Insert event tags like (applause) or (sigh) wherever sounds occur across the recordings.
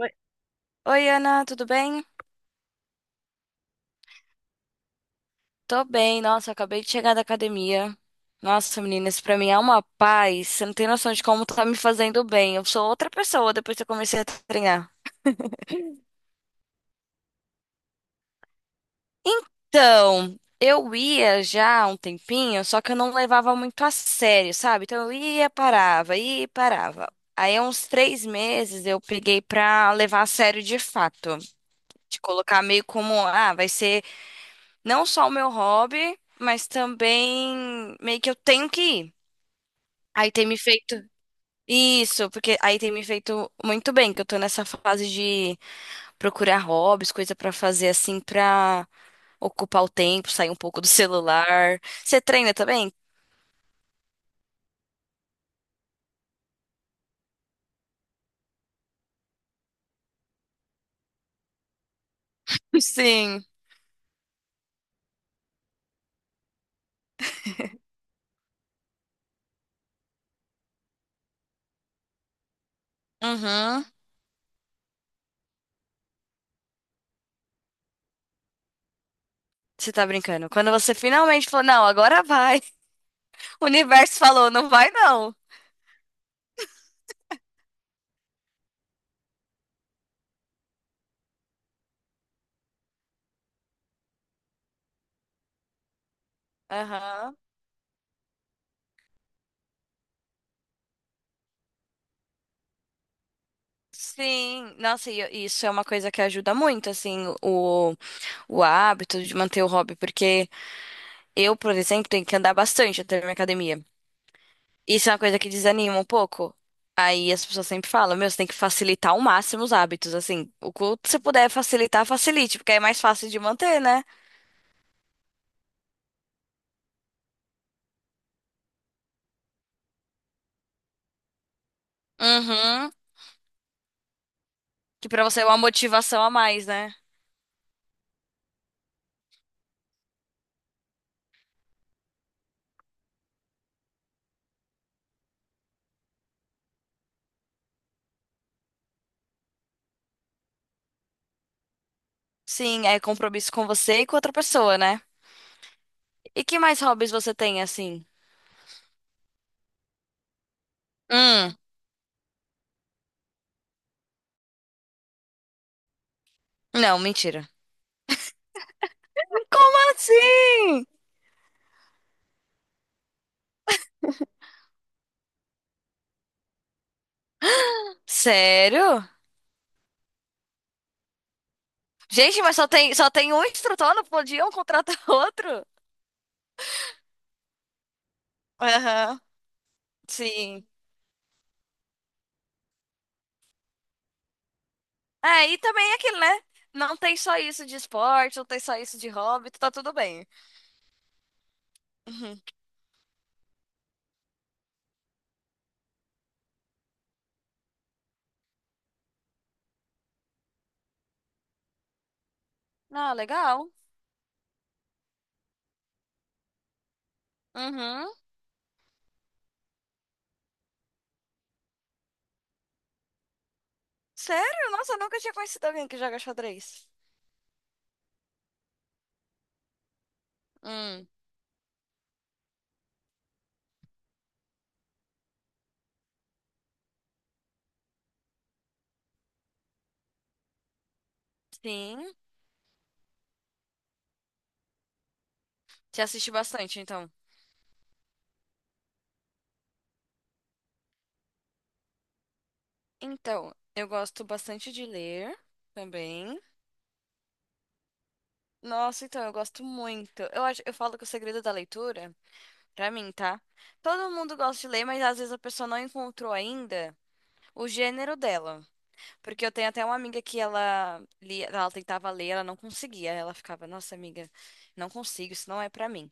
Oi, oi, Ana, tudo bem? Tô bem, nossa, acabei de chegar da academia. Nossa, menina, isso pra mim é uma paz. Você não tem noção de como tá me fazendo bem. Eu sou outra pessoa depois que eu comecei a treinar. Então, eu ia já há um tempinho, só que eu não levava muito a sério, sabe? Então eu ia, parava, ia e parava. Aí, há uns três meses, eu peguei pra levar a sério de fato. De colocar meio como, ah, vai ser. Não só o meu hobby, mas também meio que eu tenho que ir. Aí tem me feito isso, porque aí tem me feito muito bem, que eu tô nessa fase de procurar hobbies, coisa pra fazer assim pra ocupar o tempo, sair um pouco do celular. Você treina também? Sim. Uhum. Você tá brincando. Quando você finalmente falou, não, agora vai. (laughs) O universo falou, não vai não. Aham. Sim. Nossa, e isso é uma coisa que ajuda muito, assim, o hábito de manter o hobby, porque eu, por exemplo, tenho que andar bastante até a minha academia. Isso é uma coisa que desanima um pouco. Aí as pessoas sempre falam, meu, você tem que facilitar ao máximo os hábitos, assim, o quanto você puder facilitar, facilite, porque aí é mais fácil de manter, né? Uhum. Que pra você é uma motivação a mais, né? Sim, é compromisso com você e com outra pessoa, né? E que mais hobbies você tem, assim? Hum, não, mentira. Como assim? Sério? Gente, mas só tem um instrutor, não podiam contratar (laughs) outro? Aham, sim. É, e também é aquilo, né? Não tem só isso de esporte, não tem só isso de hobby, tá tudo bem. Uhum. Ah, legal. Uhum. Sério? Nossa, eu nunca tinha conhecido alguém que joga xadrez. Hum, sim. Te assisti bastante, então. Então, eu gosto bastante de ler também. Nossa, então, eu gosto muito. Eu acho, eu falo que o segredo da leitura. Pra mim, tá? Todo mundo gosta de ler, mas às vezes a pessoa não encontrou ainda o gênero dela. Porque eu tenho até uma amiga que ela lia, ela tentava ler, ela não conseguia. Ela ficava, nossa amiga, não consigo, isso não é pra mim.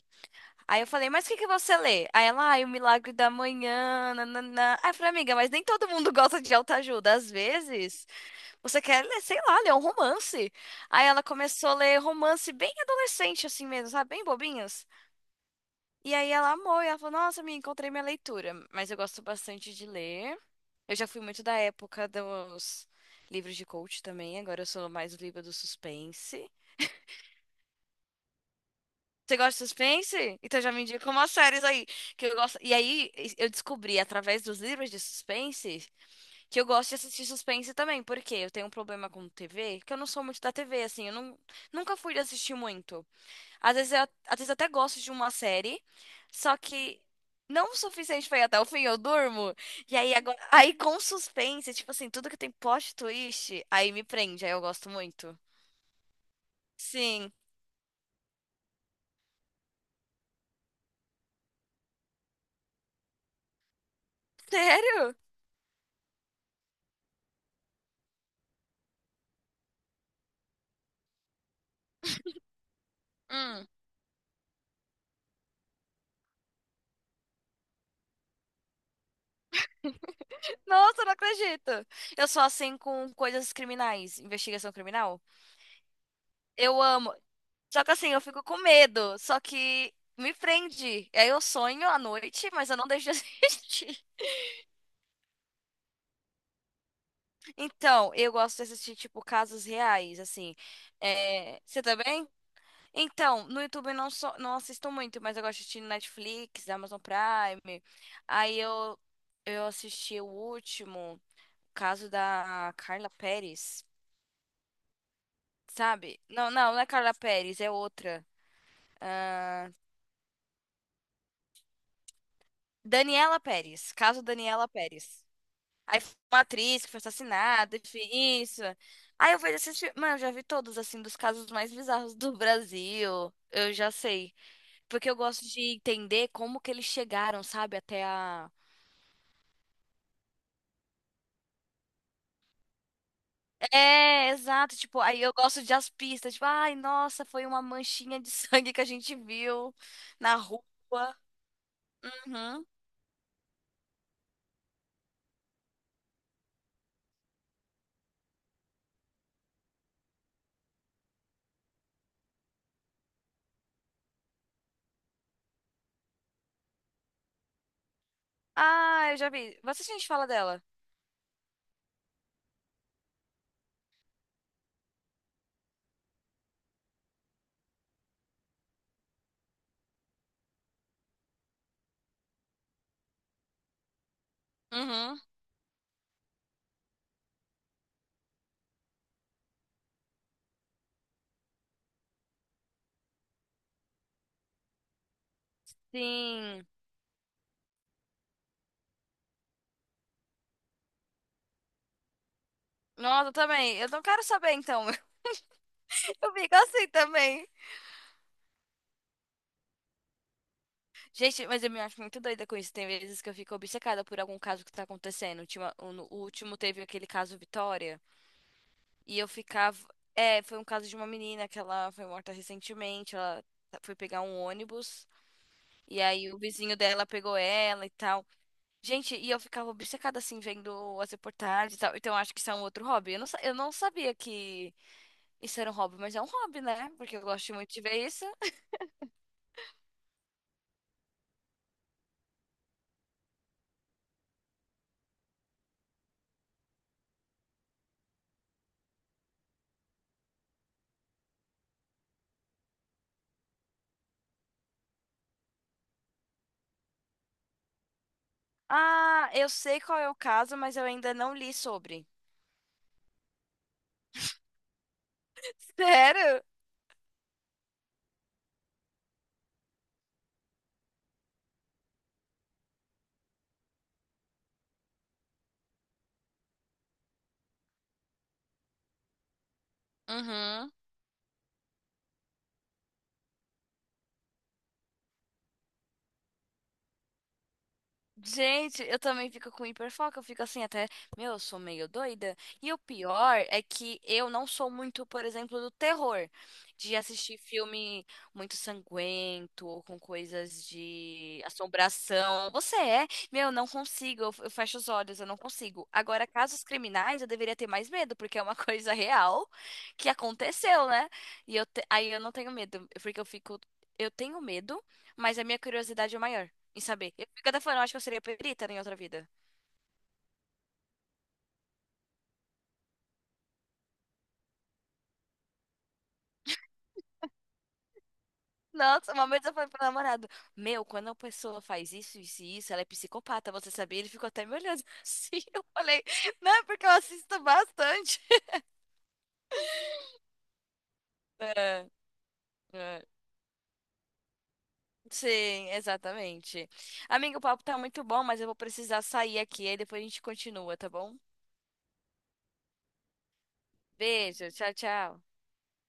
Aí eu falei, mas o que que você lê? Aí ela, ai, o Milagre da Manhã, nananã. Aí eu falei, amiga, mas nem todo mundo gosta de autoajuda. Às vezes, você quer ler, sei lá, ler um romance. Aí ela começou a ler romance bem adolescente, assim mesmo, sabe? Bem bobinhos. E aí ela amou e ela falou: nossa, me encontrei minha leitura, mas eu gosto bastante de ler. Eu já fui muito da época dos livros de coach também, agora eu sou mais livro do suspense. Você gosta de suspense? Então já me indica umas séries aí que eu gosto. E aí eu descobri através dos livros de suspense que eu gosto de assistir suspense também, porque eu tenho um problema com TV, que eu não sou, muito da TV assim, eu não, nunca fui de assistir muito. Às vezes às vezes eu até gosto de uma série, só que não o suficiente pra ir até o fim, eu durmo. E aí agora, aí com suspense, tipo assim, tudo que tem plot twist, aí me prende, aí eu gosto muito. Sim. Sério? Hum. Nossa, não acredito. Eu sou assim com coisas criminais, investigação criminal. Eu amo. Só que assim, eu fico com medo, só que me prende. Aí eu sonho à noite, mas eu não deixo de (laughs) assistir. Então, eu gosto de assistir, tipo, casos reais, assim. É, você também? Então, no YouTube eu não, sou, não assisto muito, mas eu gosto de assistir no Netflix, Amazon Prime. Aí eu, eu assisti o último, o caso da Carla Pérez, sabe? Não é Carla Pérez, é outra. Daniela Pérez, caso Daniela Pérez. Aí foi uma atriz que foi assassinada, enfim, isso. Aí eu vejo esses filmes. Mano, eu já vi todos, assim, dos casos mais bizarros do Brasil. Eu já sei. Porque eu gosto de entender como que eles chegaram, sabe, até a. É, exato. Tipo, aí eu gosto de as pistas. Tipo, ai, nossa, foi uma manchinha de (laughs) sangue que a gente viu na rua. Uhum. Ah, eu já vi. Você a gente fala dela? Uhum. Sim. Nossa, eu também. Eu não quero saber, então. (laughs) Eu fico assim também. Gente, mas eu me acho muito doida com isso. Tem vezes que eu fico obcecada por algum caso que tá acontecendo. Ultima- O no- o último teve aquele caso Vitória. E eu ficava. É, foi um caso de uma menina que ela foi morta recentemente. Ela foi pegar um ônibus. E aí o vizinho dela pegou ela e tal. Gente, e eu ficava obcecada assim, vendo as reportagens e tal. Então acho que isso é um outro hobby. Eu não sabia que. Isso era um hobby, mas é um hobby, né? Porque eu gosto muito de ver isso. Ah, eu sei qual é o caso, mas eu ainda não li sobre. Sério? Uhum. Gente, eu também fico com hiperfoco, eu fico assim até, meu, eu sou meio doida. E o pior é que eu não sou muito, por exemplo, do terror, de assistir filme muito sanguento ou com coisas de assombração. Você é? Meu, eu não consigo, eu fecho os olhos, eu não consigo. Agora, casos criminais, eu deveria ter mais medo, porque é uma (laughs) coisa real que aconteceu, né? E aí eu não tenho medo, porque eu fico, eu tenho medo, mas a minha curiosidade é maior em saber. Eu fico até falando, eu acho que eu seria perita né, em outra vida. Nossa, uma vez eu falei pro namorado, meu, quando a pessoa faz isso, isso e isso, ela é psicopata, você sabia? Ele ficou até me olhando assim. (laughs) Eu falei, não, é porque eu assisto bastante. (laughs) É, é. Sim, exatamente. Amigo, o papo tá muito bom, mas eu vou precisar sair aqui, aí depois a gente continua, tá bom? Beijo, tchau, tchau.